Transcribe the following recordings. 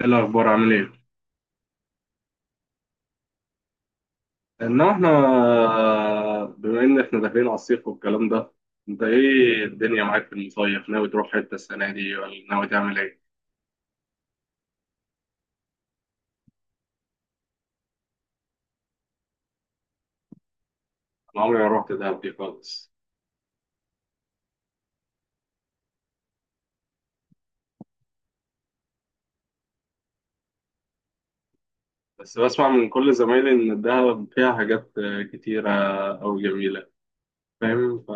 ايه الاخبار عامل ايه؟ انما احنا بما ان احنا داخلين على الصيف والكلام ده، انت ايه الدنيا معاك في المصيف؟ ناوي تروح حته السنه دي ولا ناوي تعمل ايه؟ انا عمري ما رحت دهب دي خالص. بس بسمع من كل زمايلي ان دهب فيها حاجات كتيره او جميله، فاهم؟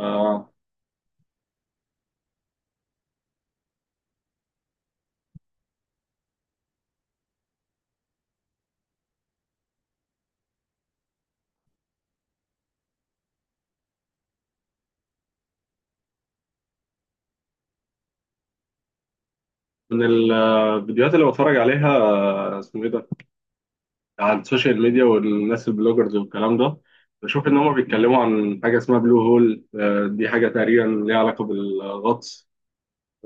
من الفيديوهات اللي بتفرج عليها، اسمه ايه ده، على السوشيال ميديا، والناس البلوجرز والكلام ده، بشوف ان هم بيتكلموا عن حاجه اسمها بلو هول. دي حاجه تقريبا ليها علاقه بالغطس.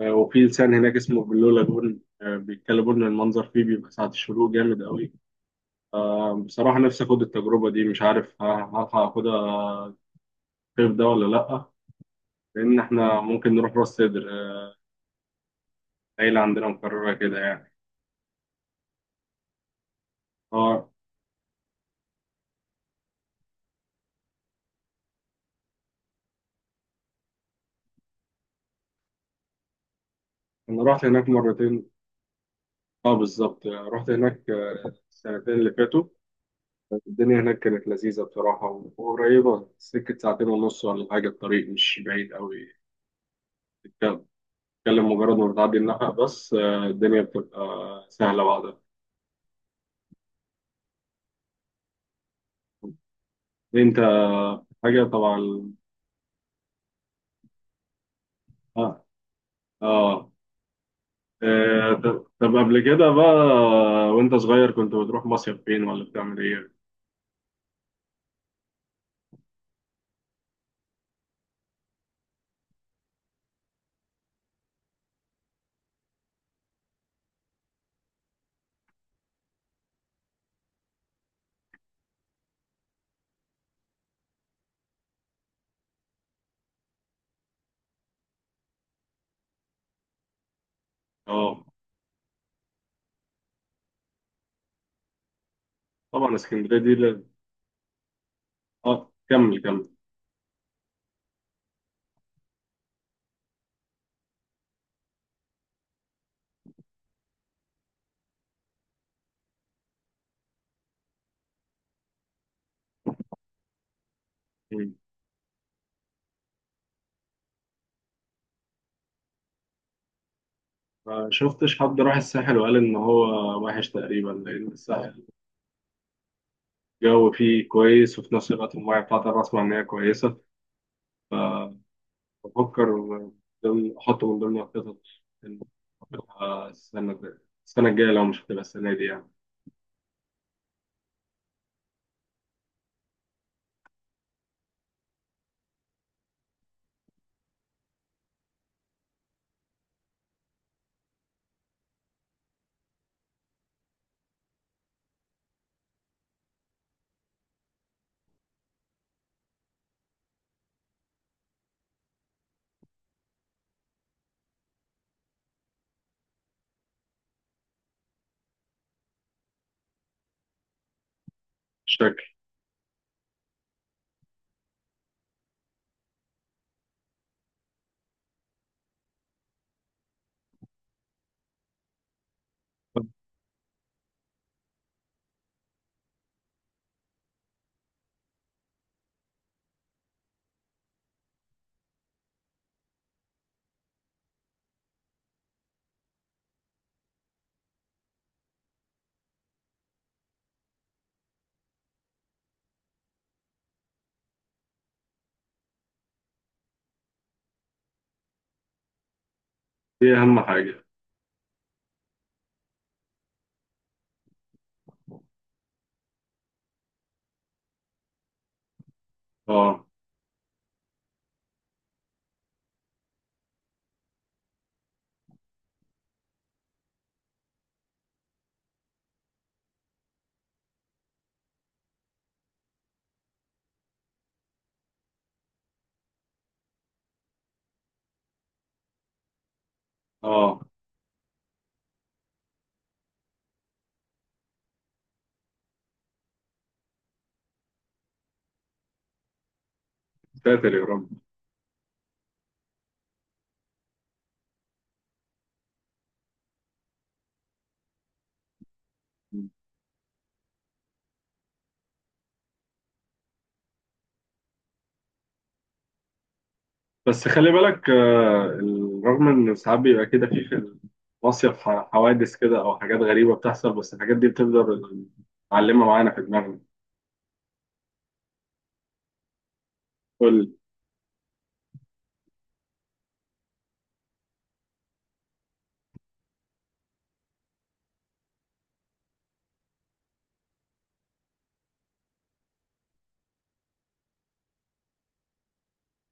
وفي لسان هناك اسمه بلو لاجون. بيتكلموا ان المنظر فيه بيبقى ساعة الشروق جامد قوي. بصراحة نفسي اخد التجربة دي، مش عارف هلحق اخدها الصيف ده ولا لأ، لان احنا ممكن نروح راس سدر. العيلة عندنا مقررة كده يعني. اه، انا رحت هناك مرتين. اه بالظبط، رحت هناك. السنتين اللي فاتوا الدنيا هناك كانت لذيذة بصراحة، وقريبة، سكة ساعتين ونص ولا حاجة، الطريق مش بعيد قوي. تتكلم، مجرد ما بتعدي النفق بس، الدنيا بتبقى سهلة بعدها. انت حاجة طبعا. اه. اه. طب، طب قبل كده بقى، وانت صغير كنت بتروح مصيف فين ولا بتعمل ايه؟ اه طبعا اسكندرية دي اه كمل كمل. مم. ما شفتش حد راح الساحل وقال ان هو وحش تقريبا، لان الساحل الجو فيه كويس، وفي نفس الوقت الميه بتاعته أنا بسمع ان هي كويسة، فبفكر من احطه من ضمن الخطط إن أروح السنة الجاية، السنة الجاية لو مش هتبقى السنة دي يعني. الشكل. دي أهم حاجة. اه. اه. ساتر يا رب. بس خلي بالك، رغم ان ساعات بيبقى كده في المصيف حوادث كده او حاجات غريبه بتحصل، بس الحاجات دي بتفضل معلمه معانا في دماغنا. قول.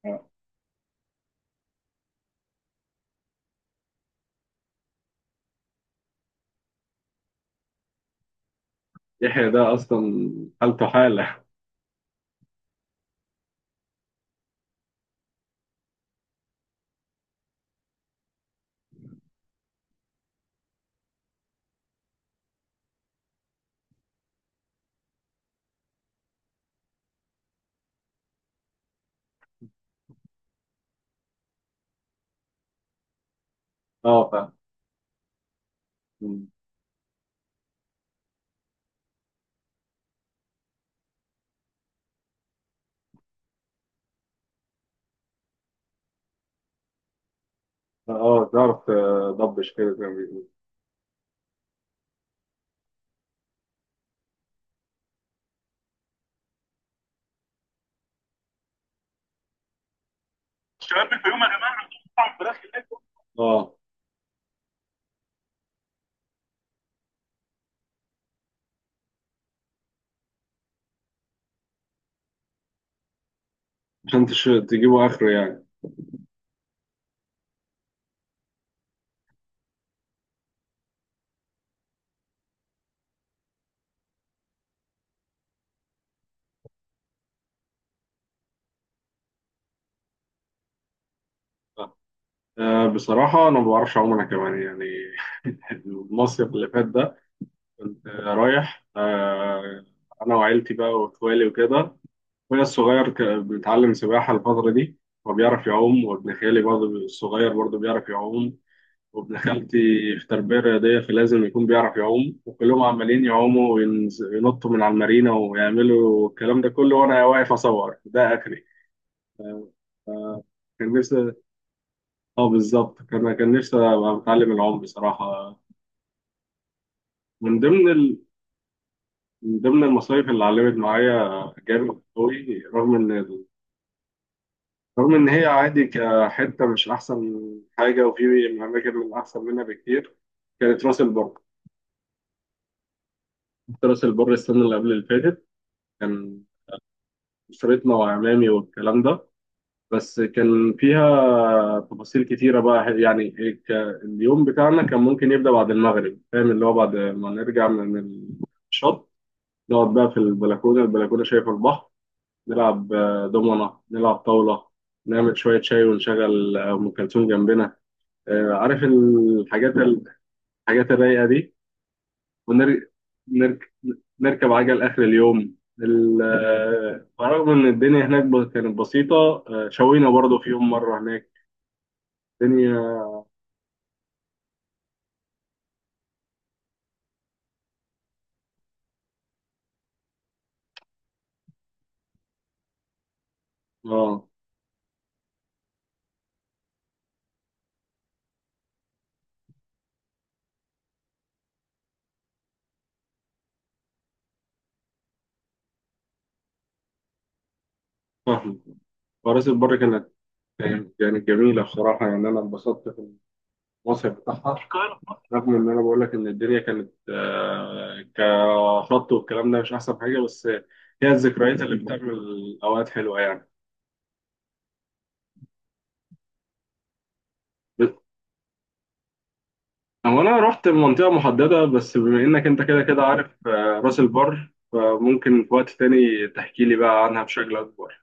آه، يحيى ده اصلا حالته حاله. اه فاهم. مم. اه تعرف، تضبش كده زي ما بيقولوا. اشتغلنا في يوم يا جماعه، رحتوا مطعم فراخ هناك؟ اه، عشان تجيبوا اخره يعني. بصراحه انا ما بعرفش اعوم انا كمان يعني. المصيف اللي فات ده كنت رايح، أنا وعيلتي بقى وإخوالي وكده. أخويا الصغير بيتعلم سباحة الفترة دي وبيعرف يعوم، وابن خالي برضه الصغير برضه بيعرف يعوم، وابن خالتي في تربية رياضية فلازم يكون بيعرف يعوم، وكلهم عمالين يعوموا وينطوا من على المارينا ويعملوا الكلام ده كله، وأنا واقف أصور ده آخري. كان نفسي، اه بالظبط، كان نفسي أبقى بتعلم العوم بصراحة. من ضمن ال... من ضمن المصايف اللي علمت معايا جامد قوي، رغم ان، رغم إن هي عادي كحتة مش أحسن حاجة، وفي أماكن من أحسن منها بكتير، كانت راس البر. كنت راس البر السنة اللي قبل اللي فاتت، كان أسرتنا وعمامي والكلام ده، بس كان فيها تفاصيل كتيرة بقى يعني. اليوم بتاعنا كان ممكن يبدأ بعد المغرب، فاهم؟ اللي هو بعد ما نرجع من الشط، نقعد بقى في البلكونة، البلكونة شايفة البحر، نلعب دومنة، نلعب طاولة، نعمل شوية شاي ونشغل أم كلثوم جنبنا. عارف الحاجات الحاجات الرايقة دي، ونركب، نركب عجل آخر اليوم. رغم إن الدنيا هناك كانت بسيطة، شوينا برضه في يوم مرة هناك الدنيا. اه فاهم. فراسة البر كانت، كانت يعني جميلة بصراحة، يعني أنا انبسطت في المصيف بتاعها. رغم إن أنا بقول لك إن الدنيا كانت، كخط والكلام ده مش أحسن حاجة، بس هي الذكريات اللي بتعمل أوقات حلوة يعني. هو انا رحت منطقة محددة بس، بما انك انت كده كده عارف، راس البر، فممكن في وقت تاني تحكي لي بقى عنها بشكل اكبر.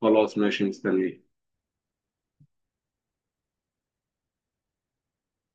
خلاص ماشي، مستنيك.